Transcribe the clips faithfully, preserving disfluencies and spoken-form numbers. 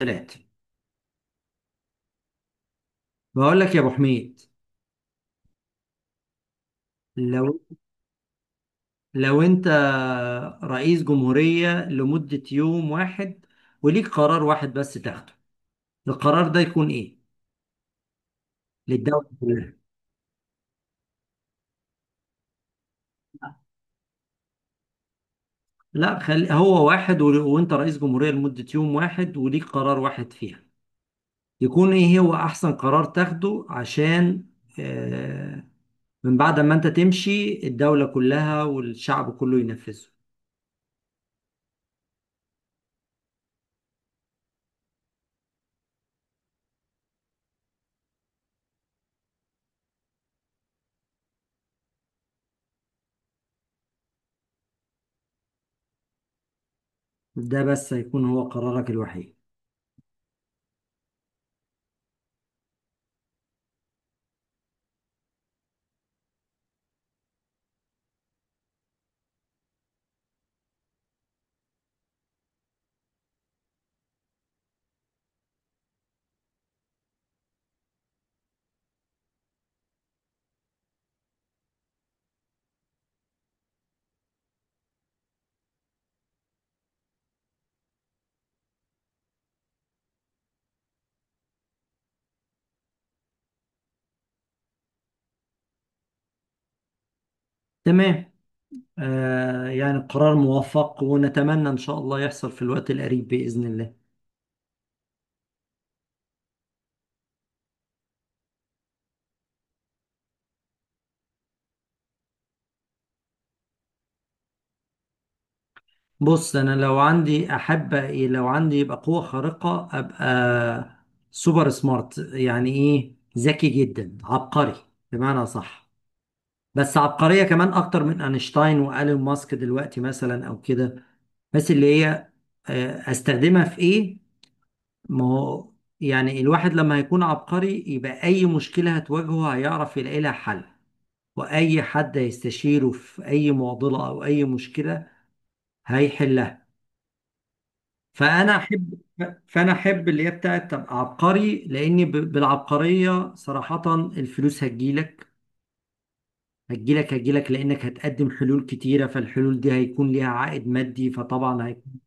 ثلاثة. بقول لك يا ابو حميد، لو لو انت رئيس جمهورية لمدة يوم واحد وليك قرار واحد بس تاخده، القرار ده يكون ايه للدولة كلها؟ لا، خلي هو واحد، ول- وانت رئيس جمهورية لمدة يوم واحد وليك قرار واحد فيها، يكون ايه هو احسن قرار تاخده عشان آه، من بعد ما انت تمشي الدولة كلها والشعب كله ينفذه؟ ده بس هيكون هو قرارك الوحيد؟ تمام. آه، يعني قرار موفق، ونتمنى إن شاء الله يحصل في الوقت القريب بإذن الله. بص، أنا لو عندي أحب إيه؟ لو عندي يبقى قوة خارقة أبقى سوبر سمارت، يعني إيه؟ ذكي جدا، عبقري بمعنى صح. بس عبقرية كمان أكتر من أينشتاين وإيلون ماسك دلوقتي مثلا أو كده. بس اللي هي آه أستخدمها في إيه؟ ما هو يعني الواحد لما هيكون عبقري يبقى أي مشكلة هتواجهه هيعرف يلاقي لها حل، واي حد هيستشيره في اي معضله او اي مشكله هيحلها. فانا احب فانا احب اللي هي بتاعت تبقى عبقري، لان ب- بالعبقريه صراحه الفلوس هتجيلك. هتجيلك هتجيلك لانك هتقدم حلول كتيره، فالحلول دي هيكون ليها عائد مادي فطبعا هيكون.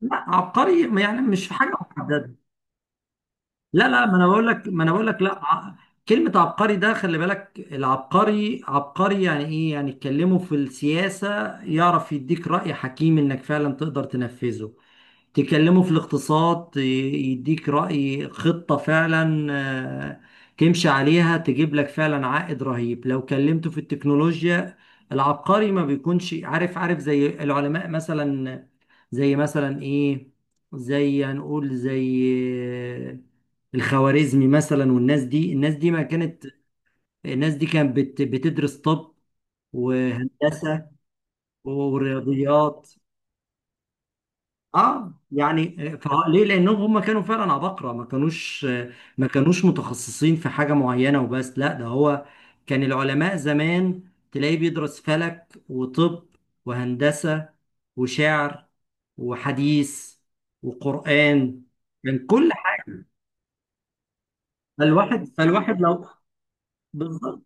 لا، عبقري يعني مش في حاجه محدده. لا لا، ما انا بقول لك ما انا بقول لك لا، ع- كلمة عبقري ده خلي بالك. العبقري عبقري يعني ايه؟ يعني اتكلمه في السياسة يعرف يديك رأي حكيم انك فعلا تقدر تنفذه، تكلمه في الاقتصاد ي- يديك رأي خطة فعلا آه، تمشي عليها تجيب لك فعلا عائد رهيب، لو كلمته في التكنولوجيا. العبقري ما بيكونش عارف عارف زي العلماء مثلا، زي مثلا ايه؟ زي، هنقول زي آه، الخوارزمي مثلا، والناس دي. الناس دي ما كانت الناس دي كانت بت- بتدرس طب وهندسة ورياضيات. اه يعني. فه- ليه؟ لانهم هم كانوا فعلا عباقرة، ما كانوش ما كانوش متخصصين في حاجة معينة وبس، لا ده هو كان العلماء زمان تلاقيه بيدرس فلك وطب وهندسة وشعر وحديث وقرآن. كان كل حاجة. فالواحد فالواحد لو، بالظبط.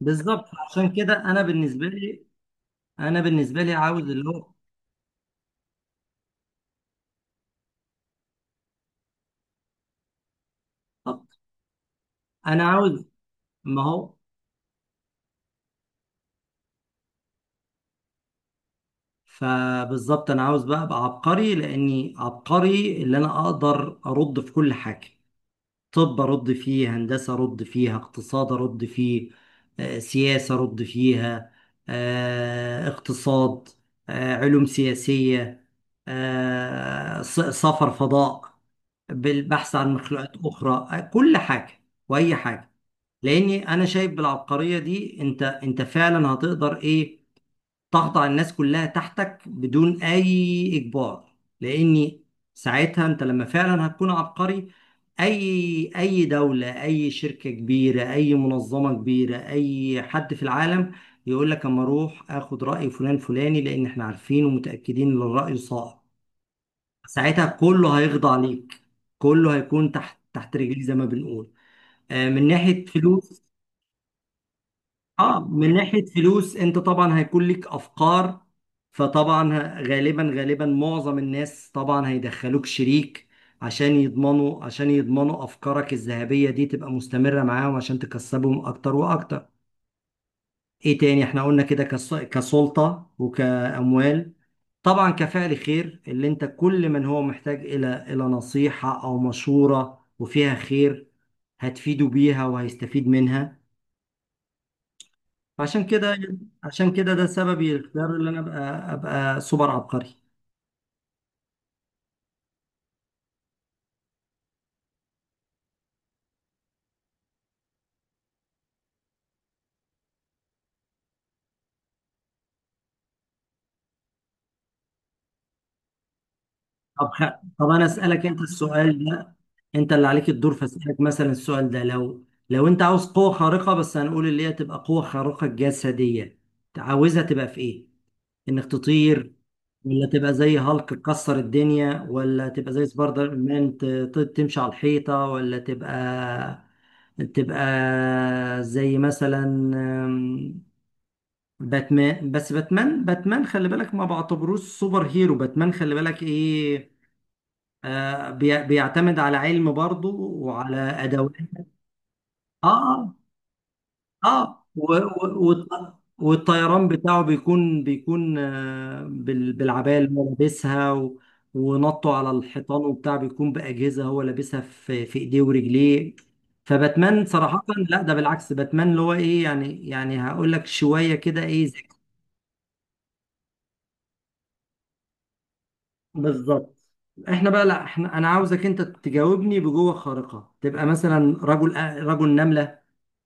بالظبط، عشان كده انا بالنسبة لي، انا بالنسبة لي عاوز اللي هو، طب انا عاوز، ما هو فبالظبط انا عاوز بقى ابقى عبقري. لاني عبقري اللي انا اقدر ارد في كل حاجه. طب ارد فيه هندسه، ارد فيها اقتصاد، ارد فيه آه، سياسه، ارد فيها آه، اقتصاد، آه، علوم سياسيه، آه، س- سفر فضاء بالبحث عن مخلوقات اخرى، آه، كل حاجه واي حاجه. لاني انا شايف بالعبقريه دي، انت انت فعلا هتقدر ايه، ضغط على الناس كلها تحتك بدون اي اجبار. لاني ساعتها انت لما فعلا هتكون عبقري، اي اي دولة، اي شركة كبيرة، اي منظمة كبيرة، اي حد في العالم يقول لك اما اروح اخد رأي فلان فلاني لان احنا عارفين ومتأكدين ان الرأي صائب. ساعتها كله هيخضع ليك، كله هيكون تحت تحت رجليه زي ما بنقول. آه، من ناحية فلوس. اه، من ناحية فلوس انت طبعا هيكون لك افكار، فطبعا ه- غالبا غالبا معظم الناس طبعا هيدخلوك شريك، عشان يضمنوا عشان يضمنوا افكارك الذهبية دي تبقى مستمرة معاهم عشان تكسبهم اكتر واكتر. ايه تاني احنا قلنا؟ كده كس- كسلطة وكأموال. طبعا كفعل خير، اللي انت كل من هو محتاج الى الى نصيحة او مشورة وفيها خير هتفيده بيها وهيستفيد منها. عشان كده عشان كده ده سببي الاختيار اللي انا ابقى ابقى سوبر عبقري. طب خ- طب انا اسالك انت السؤال ده، انت اللي عليك الدور، فاسالك مثلا السؤال ده. لو لو انت عاوز قوه خارقه، بس هنقول اللي هي تبقى قوه خارقه جسديه، عاوزها تبقى في ايه؟ انك تطير، ولا تبقى زي هالك تكسر الدنيا، ولا تبقى زي سبايدر مان ت- ت- تمشي على الحيطه، ولا تبقى، تبقى زي مثلا باتمان. بس باتمان باتمان خلي بالك ما بعتبروش سوبر هيرو. باتمان خلي بالك ايه، آه بي- بيعتمد على علم برضه وعلى ادوات. اه اه، آه، و- و- والط- والطيران بتاعه بيكون بيكون آه بال- بالعباية اللي هو لابسها، و- ونطه على الحيطان وبتاع بيكون بأجهزة هو لابسها في في ايديه ورجليه. فباتمان صراحة لا، ده بالعكس، باتمان اللي هو ايه يعني، يعني هقول لك شوية كده ايه. بالظبط. احنا بقى لا، احنا انا عاوزك انت تجاوبني بجوه خارقة، تبقى مثلا رجل رجل نملة،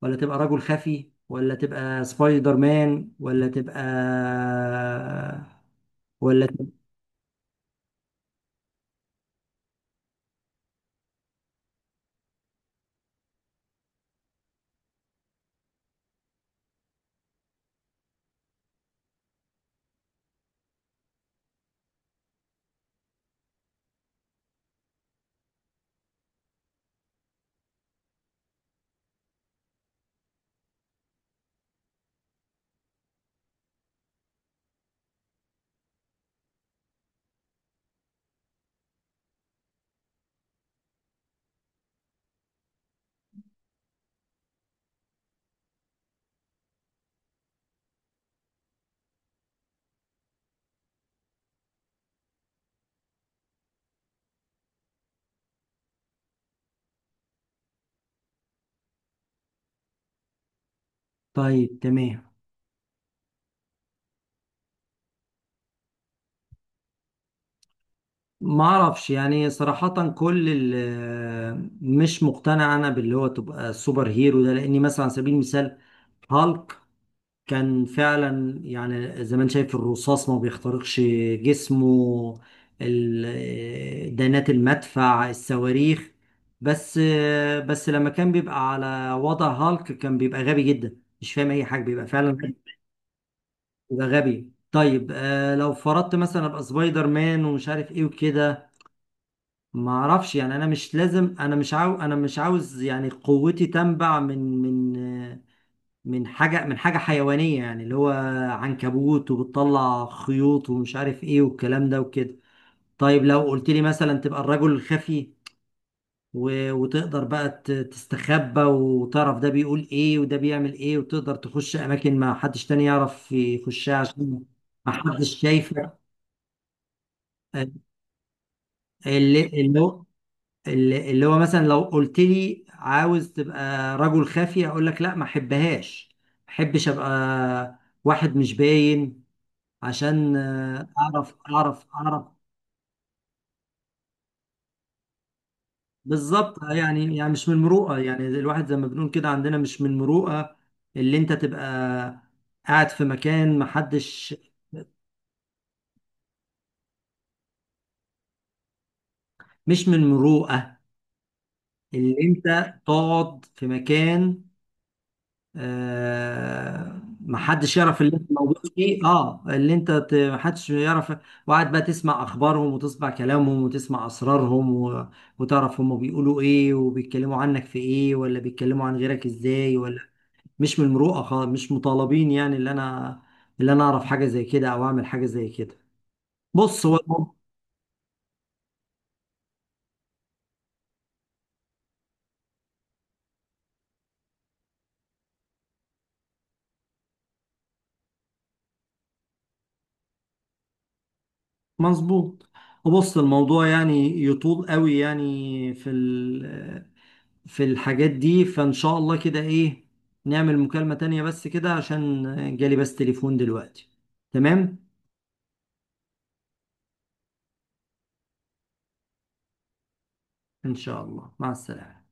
ولا تبقى رجل خفي، ولا تبقى سبايدر مان، ولا تبقى ولا تبقى طيب تمام. ما اعرفش يعني صراحة كل ال- مش مقتنع انا باللي هو تبقى سوبر هيرو ده، لاني مثلا على سبيل المثال هالك كان فعلا، يعني زي ما انت شايف، الرصاص ما بيخترقش جسمه، ال- دانات المدفع، الصواريخ. بس بس لما كان بيبقى على وضع هالك كان بيبقى غبي جدا، مش فاهم اي حاجه بيبقى فعلا، بيبقى غبي. طيب آه لو فرضت مثلا ابقى سبايدر مان ومش عارف ايه وكده، ما اعرفش يعني. انا مش لازم، انا مش عاو، انا مش عاوز يعني قوتي تنبع من من من حاجة، من حاجة حيوانية، يعني اللي هو عنكبوت وبتطلع خيوط ومش عارف ايه والكلام ده وكده. طيب لو قلت لي مثلا تبقى الرجل الخفي، و... وتقدر بقى ت- تستخبى وتعرف ده بيقول ايه وده بيعمل ايه وتقدر تخش اماكن ما حدش تاني يعرف يخشها عشان ما حدش شايفك. اللي اللي هو اللي اللي هو مثلا لو قلت لي عاوز تبقى رجل خفي اقول لك لا، ما احبهاش، ما احبش ابقى واحد مش باين، عشان آه، اعرف اعرف اعرف بالظبط. آه، يعني يعني مش من المروءه، يعني الواحد زي ما بنقول كده عندنا، مش من المروءه اللي انت تبقى قاعد في مكان محدش، مش من المروءه اللي انت تقعد في مكان آه محدش يعرف اللي انت موجود فيه. اه اللي انت ت- محدش يعرف. وقاعد بقى تسمع اخبارهم وتسمع كلامهم وتسمع اسرارهم، و... وتعرف هما بيقولوا ايه وبيتكلموا عنك في ايه، ولا بيتكلموا عن غيرك ازاي ولا. مش من المروءه خالص. مش مطالبين يعني اللي انا، اللي انا اعرف حاجه زي كده او اعمل حاجه زي كده. بص هو المو- مظبوط. بص الموضوع يعني يطول قوي يعني، في ال، في الحاجات دي. فان شاء الله كده ايه، نعمل مكالمه تانية بس كده، عشان جالي بس تليفون دلوقتي. تمام. ان شاء الله، مع السلامه.